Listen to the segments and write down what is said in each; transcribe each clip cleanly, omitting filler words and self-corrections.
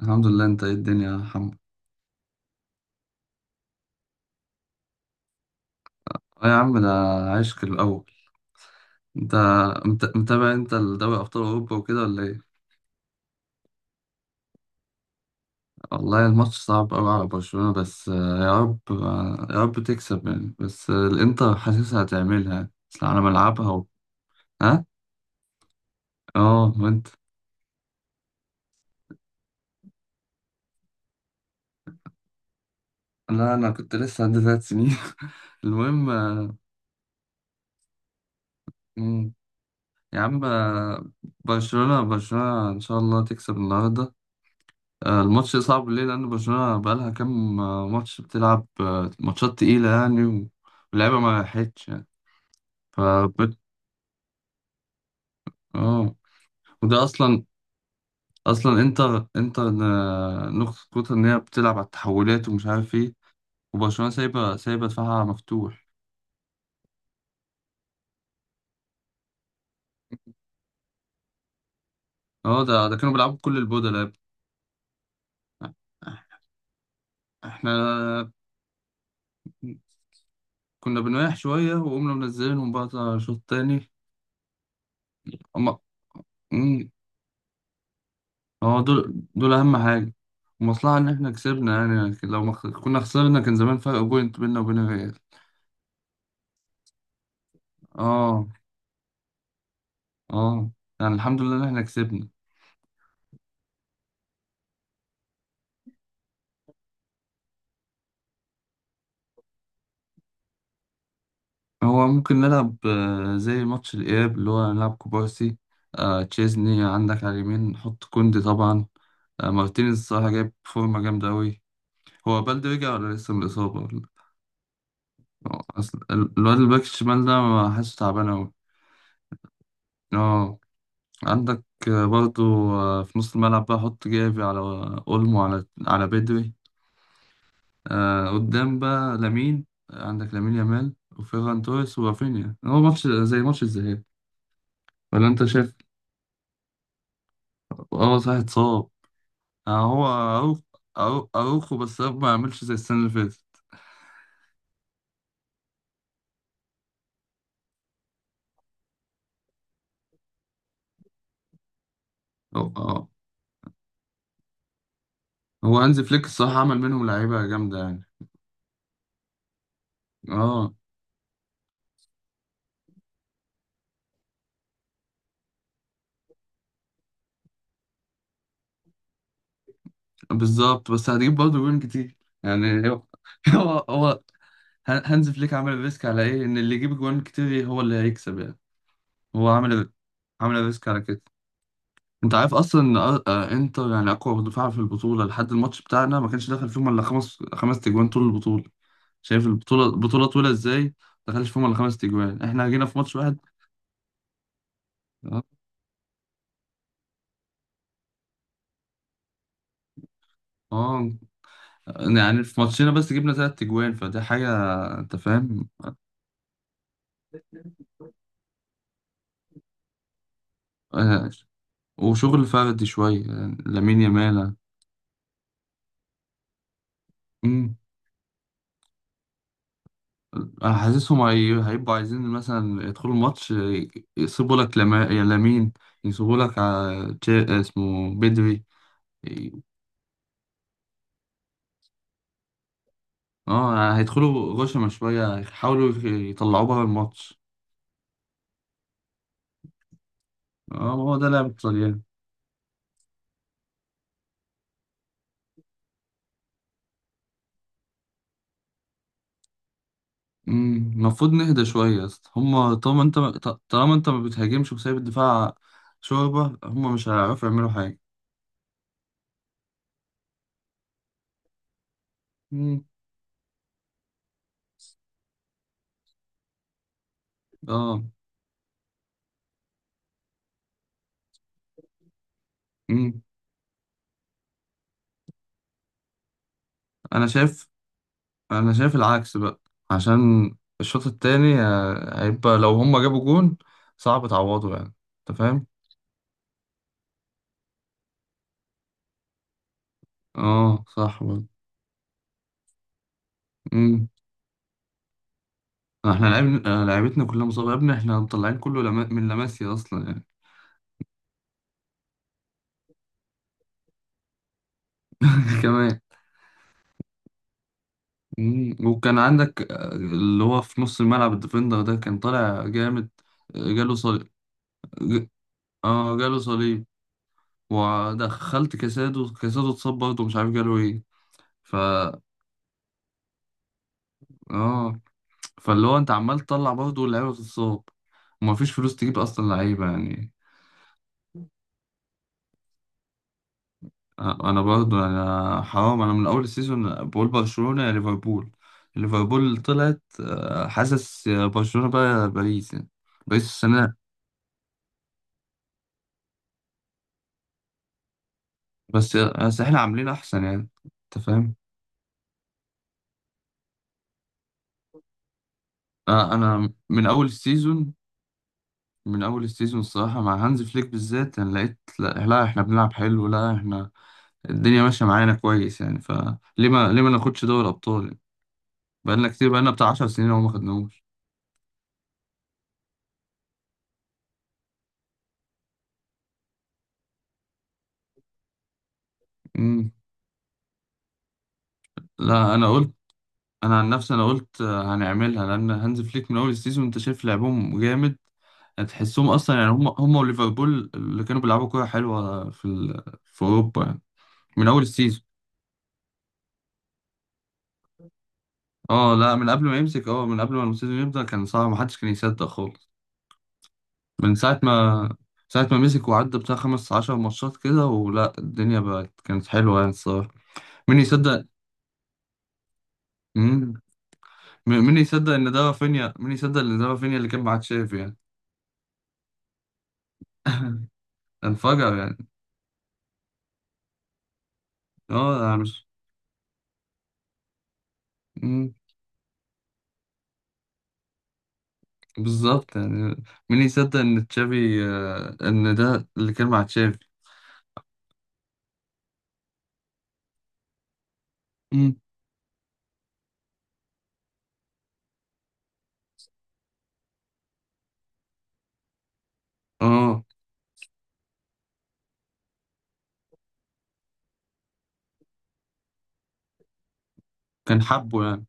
الحمد لله، انت ايه الدنيا يا محمد؟ اه، يا عم، ده عشق الاول. انت متابع، انت دوري ابطال اوروبا وكده ولا ايه؟ والله الماتش صعب قوي على برشلونة، بس يا رب، يا رب تكسب يعني، بس الانتر حاسسها هتعملها يعني. اصل على ملعبها ها؟ اه، وانت؟ لا، انا كنت لسه عندي 3 سنين. المهم. مم. يا عم، برشلونة برشلونة ان شاء الله تكسب النهارده. الماتش صعب ليه؟ لأن برشلونة بقالها كام ماتش بتلعب، ماتشات تقيلة يعني واللعيبة ما راحتش يعني. ف اه، وده أصلا، أصلا انتر انتر نقطة قوتها إن هي بتلعب على التحولات ومش عارف ايه. وبرشلونة سايبة دفاعها مفتوح. اه، ده كانوا بيلعبوا بكل البودلة يا ابني. احنا كنا بنريح شوية وقمنا منزلينهم بقى شوط تاني. أما، هو دول أهم حاجة. المصلحة إن إحنا كسبنا يعني، لكن لو ما خ- كنا خسرنا كان زمان فرق بوينت بيننا وبين الريال. آه آه يعني الحمد لله إن إحنا كسبنا. هو ممكن نلعب زي ماتش الإياب، اللي هو نلعب كوبارسي، تشيزني، عندك على اليمين نحط كوندي طبعا. مارتينيز الصراحة جايب فورمة جامدة أوي. هو بلدي رجع ولا لسه من الإصابة؟ أصل الواد الباك الشمال ده ما حاسه تعبان أوي. آه عندك، برضو، في نص الملعب بقى حط جافي على اولمو، على بدري. قدام بقى لامين، عندك لامين يامال وفيران توريس ورافينيا، هو ماتش زي ماتش الذهاب. ولا انت شايف؟ اه، صح، اتصاب. هو اروخو، بس أروخو ما عملش زي السنه اللي فاتت. هو، هو هانزي فليك الصراحه عمل منهم لعيبه جامده يعني. اه، بالظبط، بس هتجيب برضه جوان كتير. يعني هو هو هو هانز فليك عامل ريسك على ايه؟ ان اللي يجيب جوان كتير هو اللي هيكسب يعني. هو عامل ريسك على كده. انت عارف اصلا ان انتر يعني اقوى دفاع في البطوله، لحد الماتش بتاعنا ما كانش دخل فيهم الا خمس تجوان طول البطوله. شايف البطوله طويله ازاي؟ ما دخلش فيهم الا 5 تجوان، احنا جينا في ماتش واحد. اه، آه. يعني في ماتشنا بس جبنا 3 تجوان، فدي حاجه. انت فاهم؟ آه، وشغل فردي شويه، يعني لامين يامال. انا حاسسهم هيبقوا عايزين مثلا يدخلوا الماتش، يسيبوا لك لما. يا لامين، يسيبوا لك اسمه بدري. ي- اه هيدخلوا غشمة شوية يحاولوا يطلعوا بره الماتش. اه، ما هو ده لعب الطليان. المفروض نهدى شوية يا اسطى، هما طالما انت ما بتهاجمش وسايب الدفاع. شوربة، هما مش هيعرفوا يعملوا حاجة. أمم، اه، أمم. انا شايف انا شايف العكس بقى. عشان الشوط التاني هيبقى، لو هما جابوا جون صعب تعوضه يعني. انت فاهم؟ اه، صح برضه. امم احنا لعبنا لعبتنا كلها مصابه يا ابني، احنا مطلعين كله لما من لاماسيا اصلا يعني. كمان. مم. وكان عندك اللي هو في نص الملعب الديفندر ده كان طالع جامد. جاله صليب. ج... اه جاله صليب. ودخلت كاسادو، كاسادو اتصاب برضه، مش عارف جاله ايه. ف اه فاللي هو انت عمال تطلع برضه اللعيبه بتتصاب، ومفيش فلوس تجيب اصلا لعيبه يعني. انا برضه، انا حرام، انا من اول السيزون بقول برشلونه يا ليفربول. ليفربول طلعت، حاسس يا برشلونه بقى يا باريس يعني. باريس السنه. بس احنا عاملين احسن يعني. انت فاهم؟ انا من اول السيزون، الصراحه مع هانز فليك بالذات، انا لقيت لا, لا احنا بنلعب حلو، لا احنا الدنيا ماشيه معانا كويس يعني، فليه ما ليه ما ناخدش دوري ابطال يعني؟ بقالنا كتير، بقالنا بتاع 10 سنين وما خدناهوش. مم. لا، انا قلت، انا عن نفسي انا قلت هنعملها، لان هانز فليك من اول السيزون انت شايف لعبهم جامد. هتحسهم اصلا يعني، هم هم وليفربول اللي كانوا بيلعبوا كوره حلوه في في اوروبا يعني. من اول السيزون. اه، لا، من قبل ما يمسك، اه، من قبل ما السيزون يبدا كان صعب، محدش كان يصدق خالص. من ساعه ما ساعة ما مسك وعدى بتاع 15 ماتشات كده، ولا الدنيا بقت كانت حلوة يعني الصراحة. مين يصدق؟ مم. مين يصدق ان ده رافينيا؟ مين يصدق ان ده رافينيا اللي كان مع تشافي يعني؟ انفجر يعني. اه، أنا مش. مم، بالظبط يعني. مين يصدق ان تشافي آه، ان ده اللي كان مع تشافي؟ مم، اه، كان حبه يعني،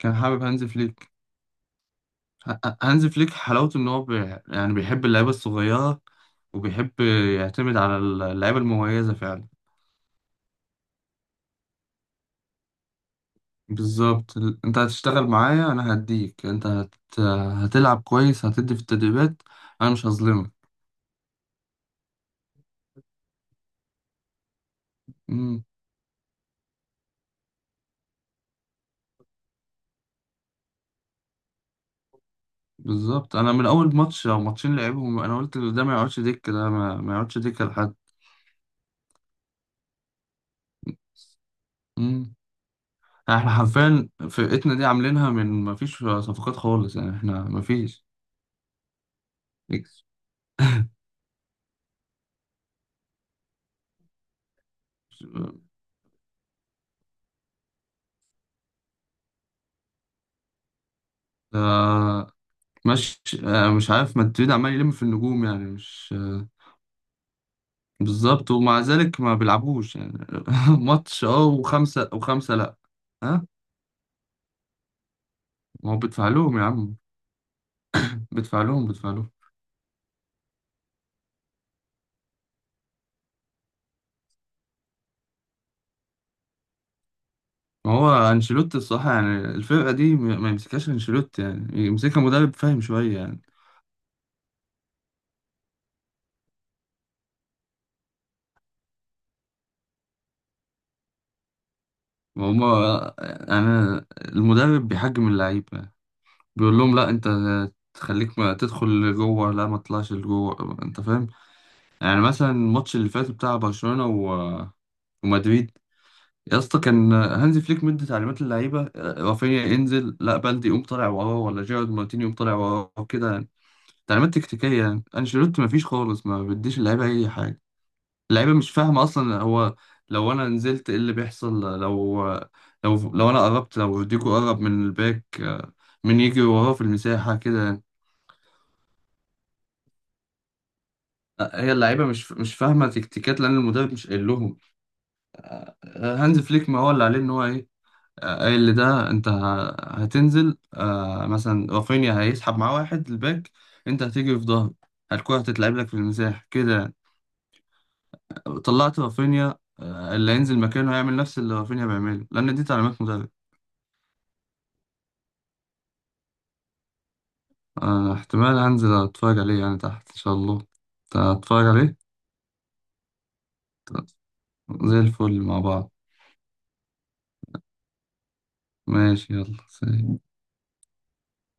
كان حابب هانز فليك. هانز فليك حلاوته ان هو يعني بيحب اللعيبه الصغيره، وبيحب يعتمد على اللعيبه المميزه فعلا. بالظبط، انت هتشتغل معايا انا هديك، انت هتلعب كويس، هتدي في التدريبات، انا مش هظلمك. امم بالظبط، انا من اول ماتش او ماتشين لعبهم، انا قلت ده ما يقعدش دكه، ده ما يقعدش دكه لحد. امم احنا حرفيا فرقتنا دي عاملينها من ما فيش صفقات خالص، يعني احنا ما فيش. إكس. آه، مش، مش عارف مدريد عمال يلم في النجوم يعني، مش، بالظبط، ومع ذلك ما بيلعبوش يعني. ماتش، اه، و5-5، لا. ها؟ ما هو بيدفع لهم يا عم، بيدفع لهم، بيدفع لهم. ما هو انشيلوتي الصراحة، يعني الفرقة دي ما يمسكهاش انشيلوتي، يعني يمسكها مدرب فاهم شوية يعني. وهما، أنا المدرب بيحجم اللعيبة، بيقول لهم لا، أنت تخليك ما تدخل لجوه، لا ما تطلعش لجوه. أنت فاهم؟ يعني مثلا الماتش اللي فات بتاع برشلونة ومدريد. يا اسطى، كان هانزي فليك مدي تعليمات للعيبة: رافينيا انزل، لا بلدي يقوم طالع وراه، ولا جيرارد مارتيني يقوم طالع وراه كده يعني. تعليمات تكتيكية، يعني انشيلوتي ما فيش خالص، ما بيديش اللعيبة أي حاجة. اللعيبه مش فاهمه اصلا، هو لو انا نزلت ايه اللي بيحصل؟ لو انا قربت، لو روديجو قرب من الباك، مين يجري وراه في المساحه كده يعني؟ هي اللعيبه مش فاهمه تكتيكات، لان المدرب مش قايل لهم. هانز فليك ما هو اللي عليه ان هو ايه؟ قايل لده انت هتنزل، مثلا رافينيا هيسحب معاه واحد الباك، انت هتيجي في ظهره، الكرة هتتلعب لك في المساحة كده يعني. طلعت رافينيا، اللي هينزل مكانه هيعمل نفس اللي رافينيا بيعمله، لأن دي تعليمات مدرب. احتمال أنزل أتفرج عليه يعني تحت، إن شاء الله. أتفرج عليه، زي الفل مع بعض. ماشي، يلا، سلام.